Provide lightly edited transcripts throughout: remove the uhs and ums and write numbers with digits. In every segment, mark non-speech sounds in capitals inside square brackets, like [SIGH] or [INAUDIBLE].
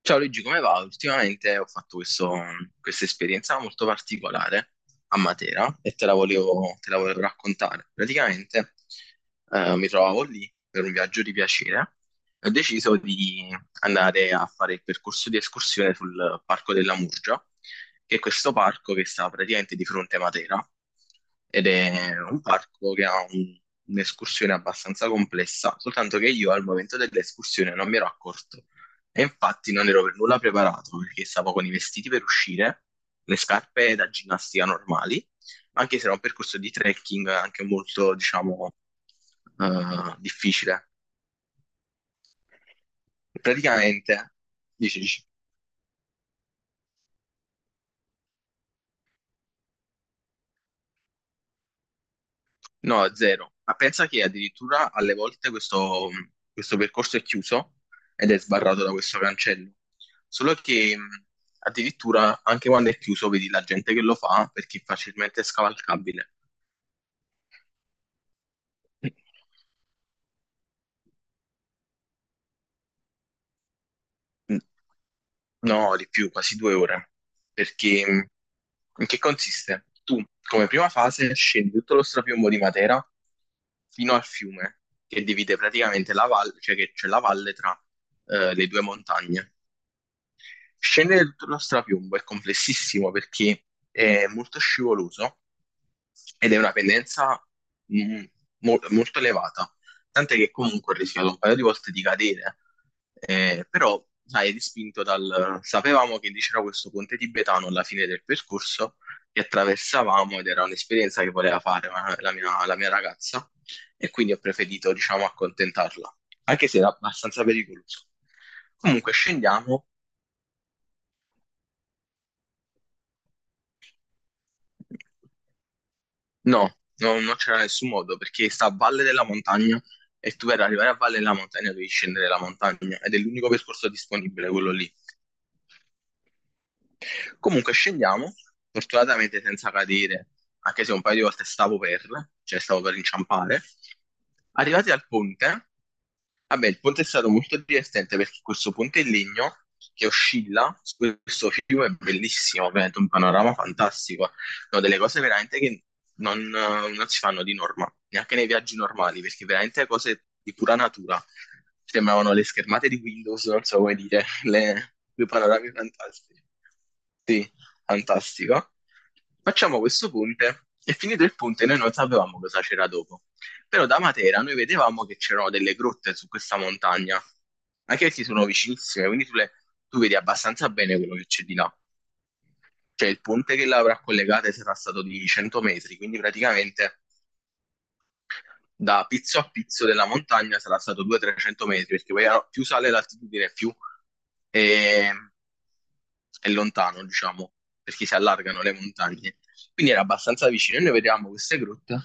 Ciao Luigi, come va? Ultimamente ho fatto questa esperienza molto particolare a Matera e te la volevo raccontare. Praticamente mi trovavo lì per un viaggio di piacere e ho deciso di andare a fare il percorso di escursione sul Parco della Murgia, che è questo parco che sta praticamente di fronte a Matera ed è un parco che ha un'escursione abbastanza complessa, soltanto che io al momento dell'escursione non mi ero accorto e infatti non ero per nulla preparato perché stavo con i vestiti per uscire, le scarpe da ginnastica normali, anche se era un percorso di trekking anche molto, diciamo, difficile. Praticamente, dici, dici, no, zero. Ma pensa che addirittura alle volte questo percorso è chiuso ed è sbarrato da questo cancello. Solo che addirittura anche quando è chiuso vedi la gente che lo fa perché è facilmente scavalcabile. Mm. No, di più, quasi due ore. Perché in che consiste? Tu, come prima fase, scendi tutto lo strapiombo di Matera fino al fiume, che divide praticamente la valle, cioè che c'è la valle tra le due montagne. Scendere tutto lo strapiombo è complessissimo perché è molto scivoloso ed è una pendenza mm, molto elevata, tant'è che comunque ho rischiato un paio di volte di cadere, però sai, è dispinto dal... Sapevamo che c'era questo ponte tibetano alla fine del percorso che attraversavamo ed era un'esperienza che voleva la la mia ragazza e quindi ho preferito, diciamo, accontentarla, anche se era abbastanza pericoloso. Comunque scendiamo. No, no, non c'era nessun modo perché sta a valle della montagna e tu per arrivare a valle della montagna devi scendere la montagna ed è l'unico percorso disponibile, quello lì. Comunque scendiamo, fortunatamente senza cadere, anche se un paio di volte cioè stavo per inciampare. Arrivati al ponte, vabbè, il ponte è stato molto divertente perché questo ponte in legno che oscilla su questo fiume è bellissimo, ovviamente un panorama fantastico. No, delle cose veramente che non si fanno di norma, neanche nei viaggi normali, perché veramente cose di pura natura. Sembravano le schermate di Windows, non so come dire, [LAUGHS] due panorami fantastici. Sì, fantastico. Facciamo questo ponte e finito il ponte noi non sapevamo cosa c'era dopo. Però da Matera noi vedevamo che c'erano delle grotte su questa montagna, anche se sono vicinissime, quindi tu vedi abbastanza bene quello che c'è di là. Cioè il ponte che l'avrà collegata sarà stato di 100 metri, quindi praticamente da pizzo a pizzo della montagna sarà stato 200-300 metri, perché poi più sale l'altitudine, più è, è lontano, diciamo, perché si allargano le montagne. Quindi era abbastanza vicino. E noi vedevamo queste grotte,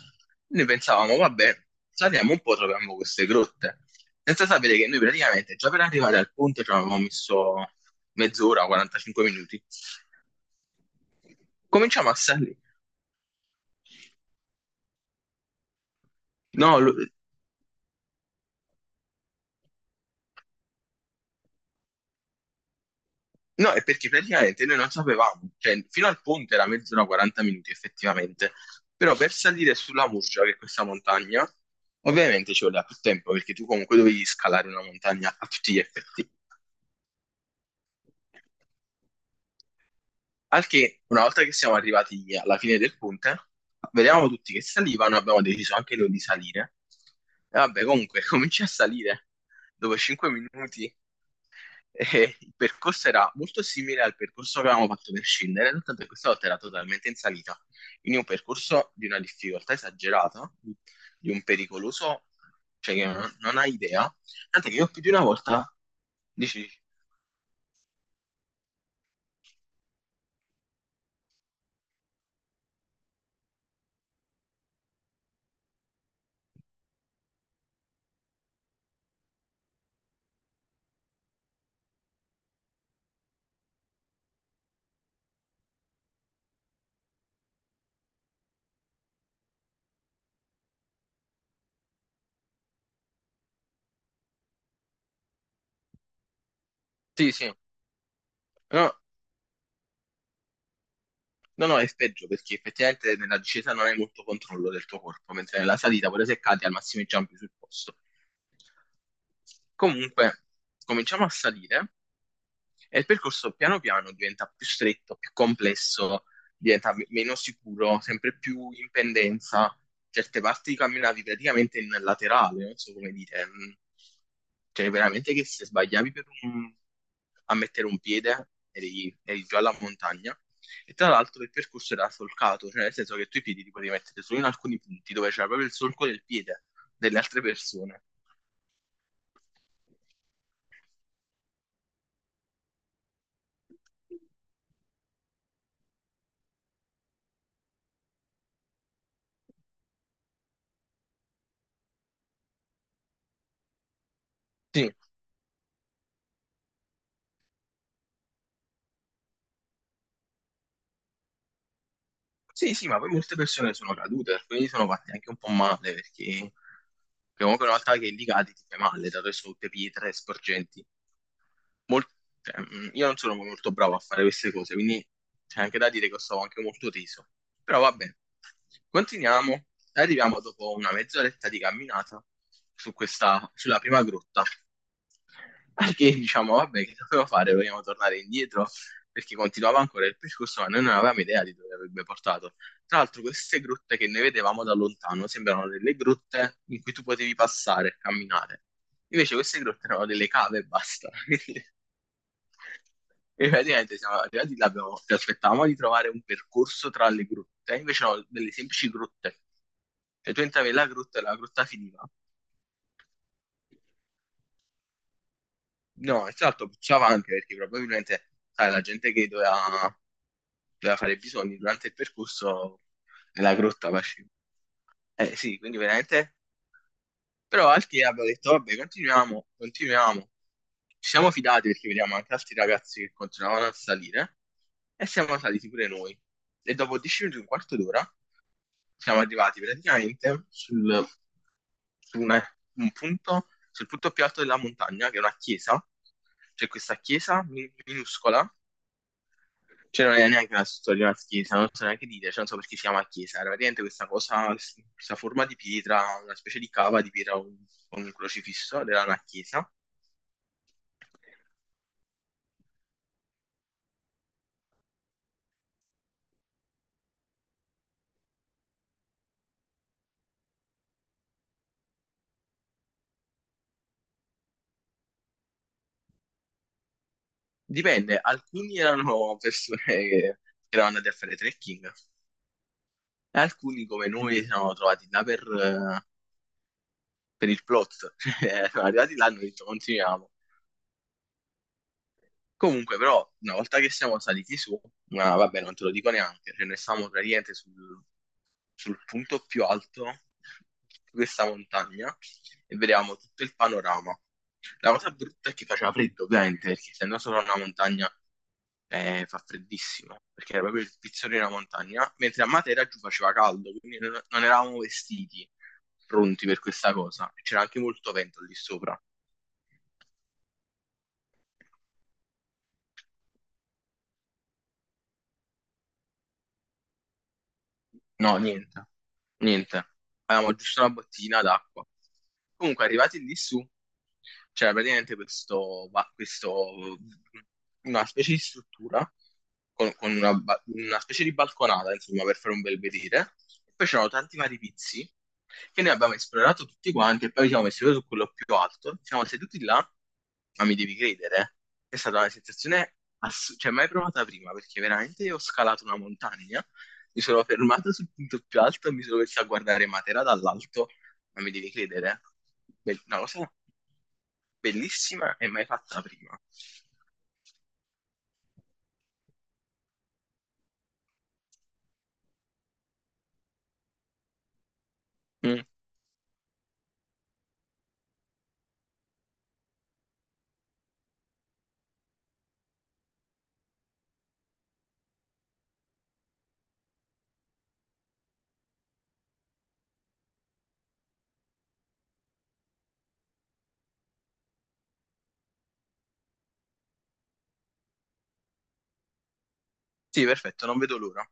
noi pensavamo, vabbè, saliamo un po', troviamo queste grotte. Senza sapere che noi praticamente già per arrivare al ponte ci avevamo messo mezz'ora, 45 minuti. Cominciamo a salire. No, lo- No, è perché praticamente noi non sapevamo, cioè fino al ponte era mezz'ora 40 minuti effettivamente, però per salire sulla Murgia, che è questa montagna, ovviamente ci voleva più tempo perché tu comunque dovevi scalare una montagna a tutti gli effetti. Al che una volta che siamo arrivati alla fine del ponte, vedevamo tutti che salivano, abbiamo deciso anche noi di salire. E vabbè, comunque [LAUGHS] cominci a salire dopo 5 minuti. E il percorso era molto simile al percorso che avevamo fatto per scendere, soltanto che questa volta era totalmente in salita. Quindi un percorso di una difficoltà esagerata, di un pericoloso, cioè che non hai idea. Tanto che io più di una volta dici, sì, sì, no, no, è peggio perché effettivamente nella discesa non hai molto controllo del tuo corpo, mentre nella salita, pure se cadi, al massimo i giampi sul posto. Comunque, cominciamo a salire. E il percorso piano piano diventa più stretto, più complesso, diventa meno sicuro, sempre più in pendenza. Certe parti camminavi praticamente in laterale, non so come dire. Cioè, veramente che se sbagliavi a mettere un piede eri già alla montagna. E tra l'altro il percorso era solcato, cioè nel senso che tu i piedi li potevi mettere solo in alcuni punti dove c'era proprio il solco del piede delle altre persone. Sì, sì, sì, ma poi molte persone sono cadute, quindi sono fatte anche un po' male, perché comunque una volta che li cadi ti fai male, dato che sono tutte pietre sporgenti. Mol- cioè, io non sono molto bravo a fare queste cose, quindi c'è anche da dire che stavo anche molto teso. Però va bene, continuiamo. Arriviamo dopo una mezz'oretta di camminata su sulla prima grotta, perché diciamo, vabbè, che dovevo fare? Vogliamo tornare indietro, perché continuava ancora il percorso, ma noi non avevamo idea di dove avrebbe portato. Tra l'altro, queste grotte che noi vedevamo da lontano sembrano delle grotte in cui tu potevi passare e camminare. Invece queste grotte erano delle cave e basta. [LAUGHS] E praticamente siamo arrivati là, ci aspettavamo di trovare un percorso tra le grotte, invece no, delle semplici grotte. Cioè tu entravi nella grotta e la grotta finiva. No, esatto, puzzava anche perché probabilmente, sai, la gente doveva fare i bisogni durante il percorso nella grotta faceva. Eh sì, quindi veramente però altri abbiamo detto, vabbè, continuiamo, continuiamo. Ci siamo fidati perché vediamo anche altri ragazzi che continuavano a salire e siamo saliti pure noi. E dopo 10 minuti, un quarto d'ora, siamo arrivati praticamente su una- un punto, sul punto più alto della montagna, che è una chiesa. C'è questa minuscola, cioè non è neanche una storia di una chiesa, non so neanche dire, cioè non so perché si chiama chiesa, era praticamente questa cosa, questa forma di pietra, una specie di cava di pietra con un crocifisso, ed era una chiesa. Dipende, alcuni erano persone che erano andate a fare trekking e alcuni come noi si sono trovati là per il plot. [LAUGHS] Cioè, sono arrivati là e hanno detto continuiamo. Comunque però una volta che siamo saliti su, ma vabbè non te lo dico neanche, cioè noi stavamo praticamente sul punto più alto di questa montagna e vedevamo tutto il panorama. La cosa brutta è che faceva freddo, ovviamente, perché essendo solo una montagna fa freddissimo, perché era proprio il pizzone di una montagna, mentre a Matera giù faceva caldo, quindi non eravamo vestiti pronti per questa cosa. C'era anche molto vento lì sopra. No, niente, niente. Avevamo giusto una bottiglina d'acqua. Comunque, arrivati lì su, c'era praticamente una specie di struttura con una specie di balconata, insomma, per fare un bel vedere. E poi c'erano tanti vari pizzi che noi abbiamo esplorato tutti quanti e poi ci siamo messi proprio su quello più alto. Siamo seduti là, ma mi devi credere, eh, è stata una sensazione assurda, cioè mai provata prima, perché veramente io ho scalato una montagna, mi sono fermato sul punto più alto, e mi sono messo a guardare Matera dall'alto, ma mi devi credere, una cosa bellissima e mai fatta prima. Mm. Sì, perfetto, non vedo l'ora.